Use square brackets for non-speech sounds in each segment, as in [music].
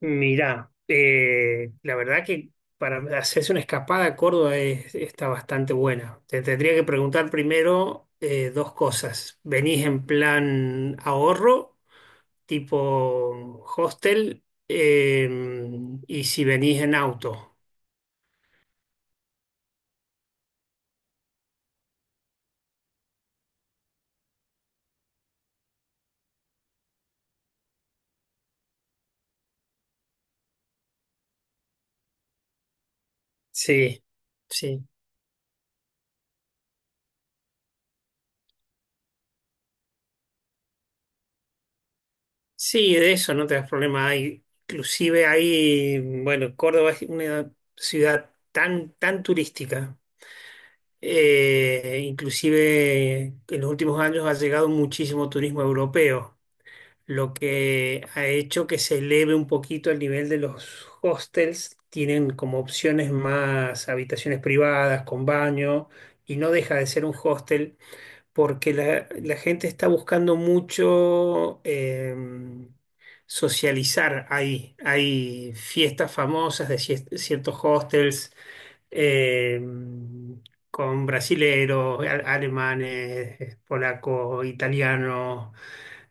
Mirá, la verdad que para hacerse una escapada a Córdoba está bastante buena. Te tendría que preguntar primero dos cosas. ¿Venís en plan ahorro, tipo hostel? ¿Y si venís en auto? Sí, sí. Sí, de eso no te das problema. Hay, inclusive hay, bueno, Córdoba es una ciudad tan, tan turística. Inclusive en los últimos años ha llegado muchísimo turismo europeo, lo que ha hecho que se eleve un poquito el nivel de los hostels. Tienen como opciones más habitaciones privadas con baño y no deja de ser un hostel porque la gente está buscando mucho socializar ahí. Hay fiestas famosas de ciertos hostels eh, con brasileros, alemanes, polacos, italianos.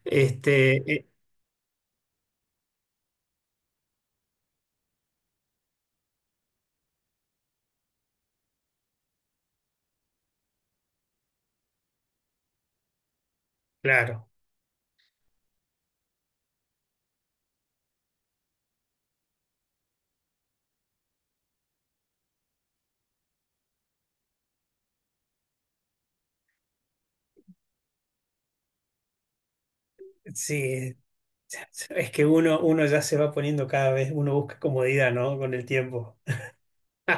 Este, claro, sí, es que uno, uno ya se va poniendo cada vez, uno busca comodidad, ¿no? Con el tiempo. [laughs]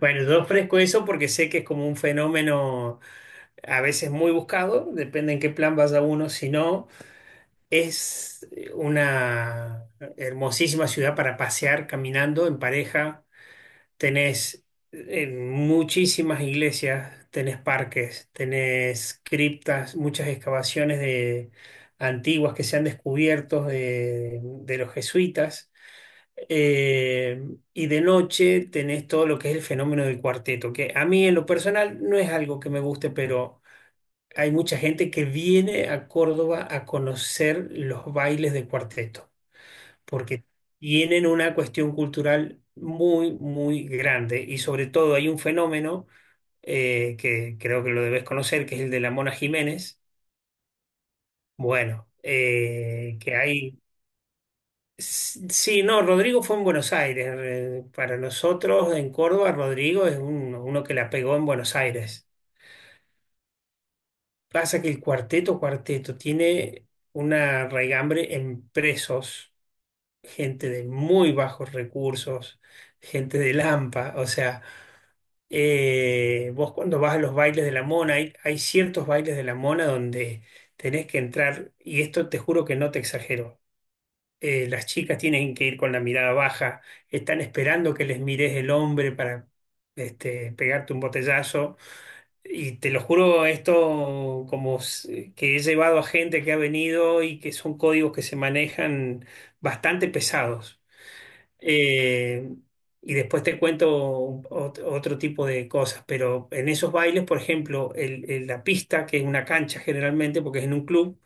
Bueno, yo ofrezco eso porque sé que es como un fenómeno a veces muy buscado, depende en qué plan vaya uno, si no, es una hermosísima ciudad para pasear caminando en pareja. Tenés muchísimas iglesias, tenés parques, tenés criptas, muchas excavaciones de antiguas que se han descubierto de los jesuitas. Eh, y de noche tenés todo lo que es el fenómeno del cuarteto, que a mí en lo personal no es algo que me guste, pero hay mucha gente que viene a Córdoba a conocer los bailes de cuarteto porque tienen una cuestión cultural muy, muy grande y sobre todo hay un fenómeno que creo que lo debes conocer, que es el de la Mona Jiménez. Bueno, que hay... Sí, no, Rodrigo fue en Buenos Aires. Para nosotros en Córdoba, Rodrigo es uno, uno que la pegó en Buenos Aires. Pasa que el cuarteto, cuarteto, tiene una raigambre en presos, gente de muy bajos recursos, gente de Lampa, o sea, vos cuando vas a los bailes de la mona, hay ciertos bailes de la mona donde tenés que entrar, y esto te juro que no te exagero. Las chicas tienen que ir con la mirada baja, están esperando que les mires el hombre para este, pegarte un botellazo. Y te lo juro, esto como que he llevado a gente que ha venido y que son códigos que se manejan bastante pesados. Eh, y después te cuento otro tipo de cosas, pero en esos bailes, por ejemplo, la pista, que es una cancha generalmente, porque es en un club,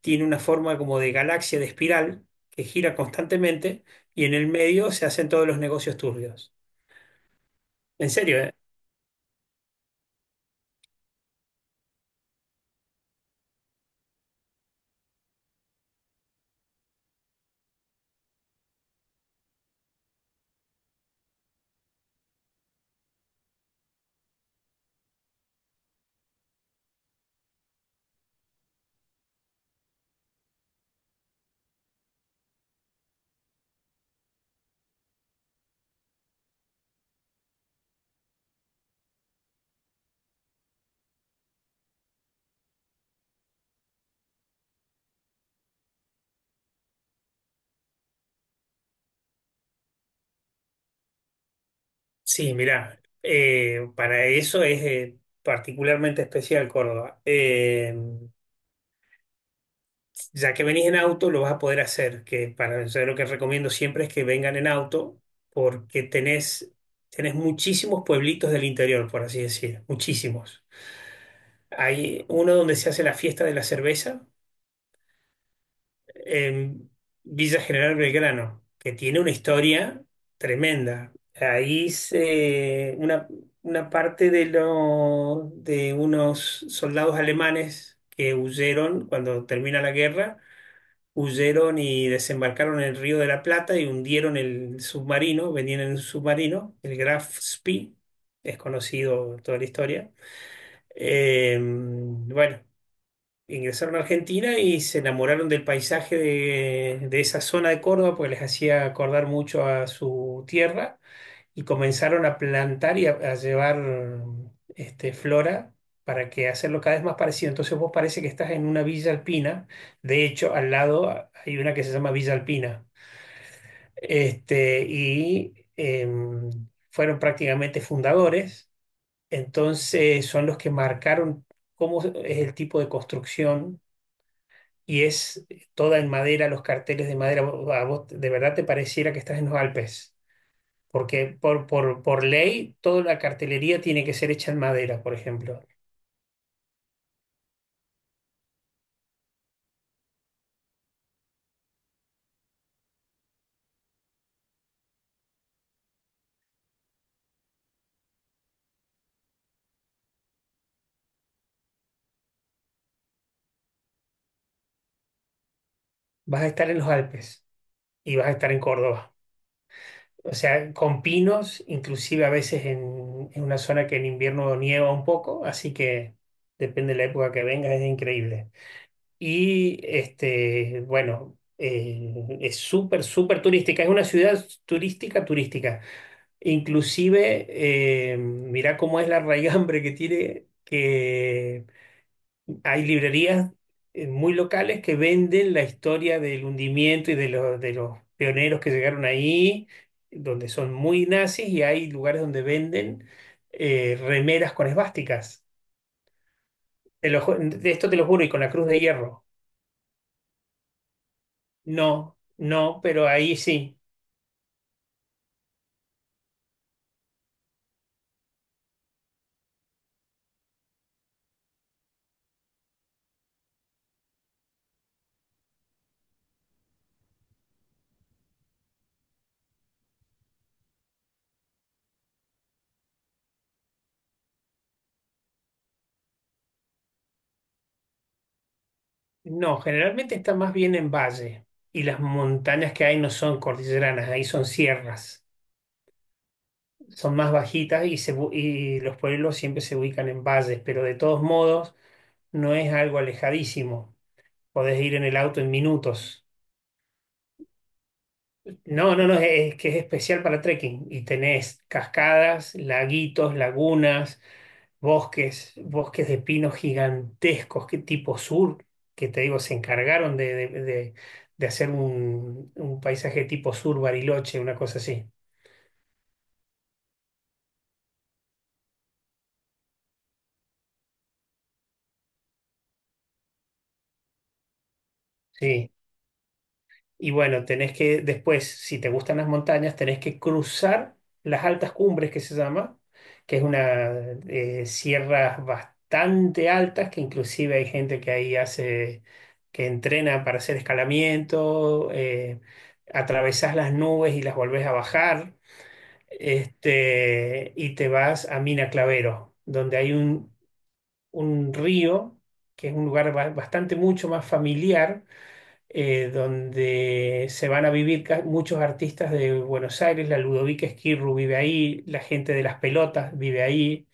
tiene una forma como de galaxia, de espiral, que gira constantemente y en el medio se hacen todos los negocios turbios. En serio, ¿eh? Sí, mirá, para eso es particularmente especial Córdoba. Ya que venís en auto, lo vas a poder hacer, que para eso lo que recomiendo siempre es que vengan en auto, porque tenés, tenés muchísimos pueblitos del interior, por así decir, muchísimos. Hay uno donde se hace la fiesta de la cerveza en Villa General Belgrano, que tiene una historia tremenda. Ahí se, una parte de, lo, de unos soldados alemanes que huyeron cuando termina la guerra, huyeron y desembarcaron en el Río de la Plata y hundieron el submarino, venían en un submarino, el Graf Spee, es conocido toda la historia. Bueno, ingresaron a Argentina y se enamoraron del paisaje de esa zona de Córdoba, porque les hacía acordar mucho a su tierra y comenzaron a plantar y a llevar este, flora para que hacerlo cada vez más parecido. Entonces vos parece que estás en una villa alpina. De hecho, al lado ah, hay una que se llama Villa Alpina. Este, y em, fueron prácticamente fundadores. Entonces son los que marcaron cómo es el tipo de construcción. Y es toda en madera, los carteles de madera. A vos de verdad te pareciera que estás en los Alpes. Porque por ley toda la cartelería tiene que ser hecha en madera, por ejemplo. Vas a estar en los Alpes y vas a estar en Córdoba. O sea, con pinos, inclusive a veces en una zona que en invierno nieva un poco, así que depende de la época que vengas, es increíble. Y este, bueno, es súper, súper turística, es una ciudad turística, turística. Inclusive, mirá cómo es la raigambre que tiene, que hay librerías muy locales que venden la historia del hundimiento y de, de los pioneros que llegaron ahí, donde son muy nazis, y hay lugares donde venden remeras con esvásticas. Te lo de esto te lo juro, y con la cruz de hierro. No, no, pero ahí sí. No, generalmente está más bien en valle. Y las montañas que hay no son cordilleranas, ahí son sierras. Son más bajitas y, se y los pueblos siempre se ubican en valles, pero de todos modos no es algo alejadísimo. Podés ir en el auto en minutos. No, no, no, es, que es especial para trekking y tenés cascadas, laguitos, lagunas, bosques, bosques de pinos gigantescos, que tipo sur, que te digo, se encargaron de, de hacer un paisaje tipo sur Bariloche, una cosa así. Sí. Y bueno, tenés que después, si te gustan las montañas, tenés que cruzar las altas cumbres que se llama, que es una sierras bastante altas, que inclusive hay gente que ahí hace, que entrena para hacer escalamiento, atravesás las nubes y las volvés a bajar, este, y te vas a Mina Clavero, donde hay un río, que es un lugar bastante mucho más familiar, donde se van a vivir muchos artistas de Buenos Aires, la Ludovica Esquirru vive ahí, la gente de las pelotas vive ahí,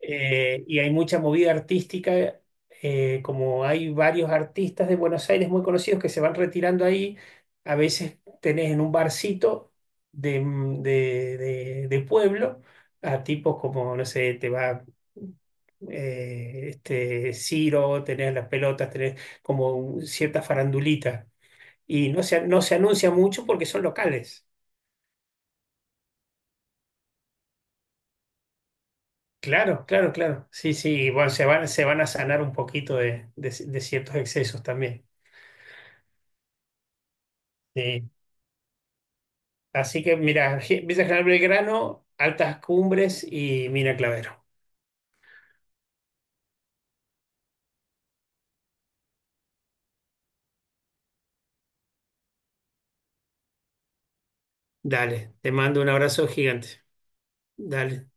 y hay mucha movida artística, como hay varios artistas de Buenos Aires muy conocidos que se van retirando ahí, a veces tenés en un barcito de, de pueblo a tipos como, no sé, te va... este Ciro, tenés las pelotas, tenés como cierta farandulita. Y no se, no se anuncia mucho porque son locales. Claro, claro, claro. Sí, sí, y bueno, se van a sanar un poquito de, de ciertos excesos también. Sí. Así que mira, Villa General Belgrano, Altas Cumbres y Mina Clavero. Dale, te mando un abrazo gigante. Dale.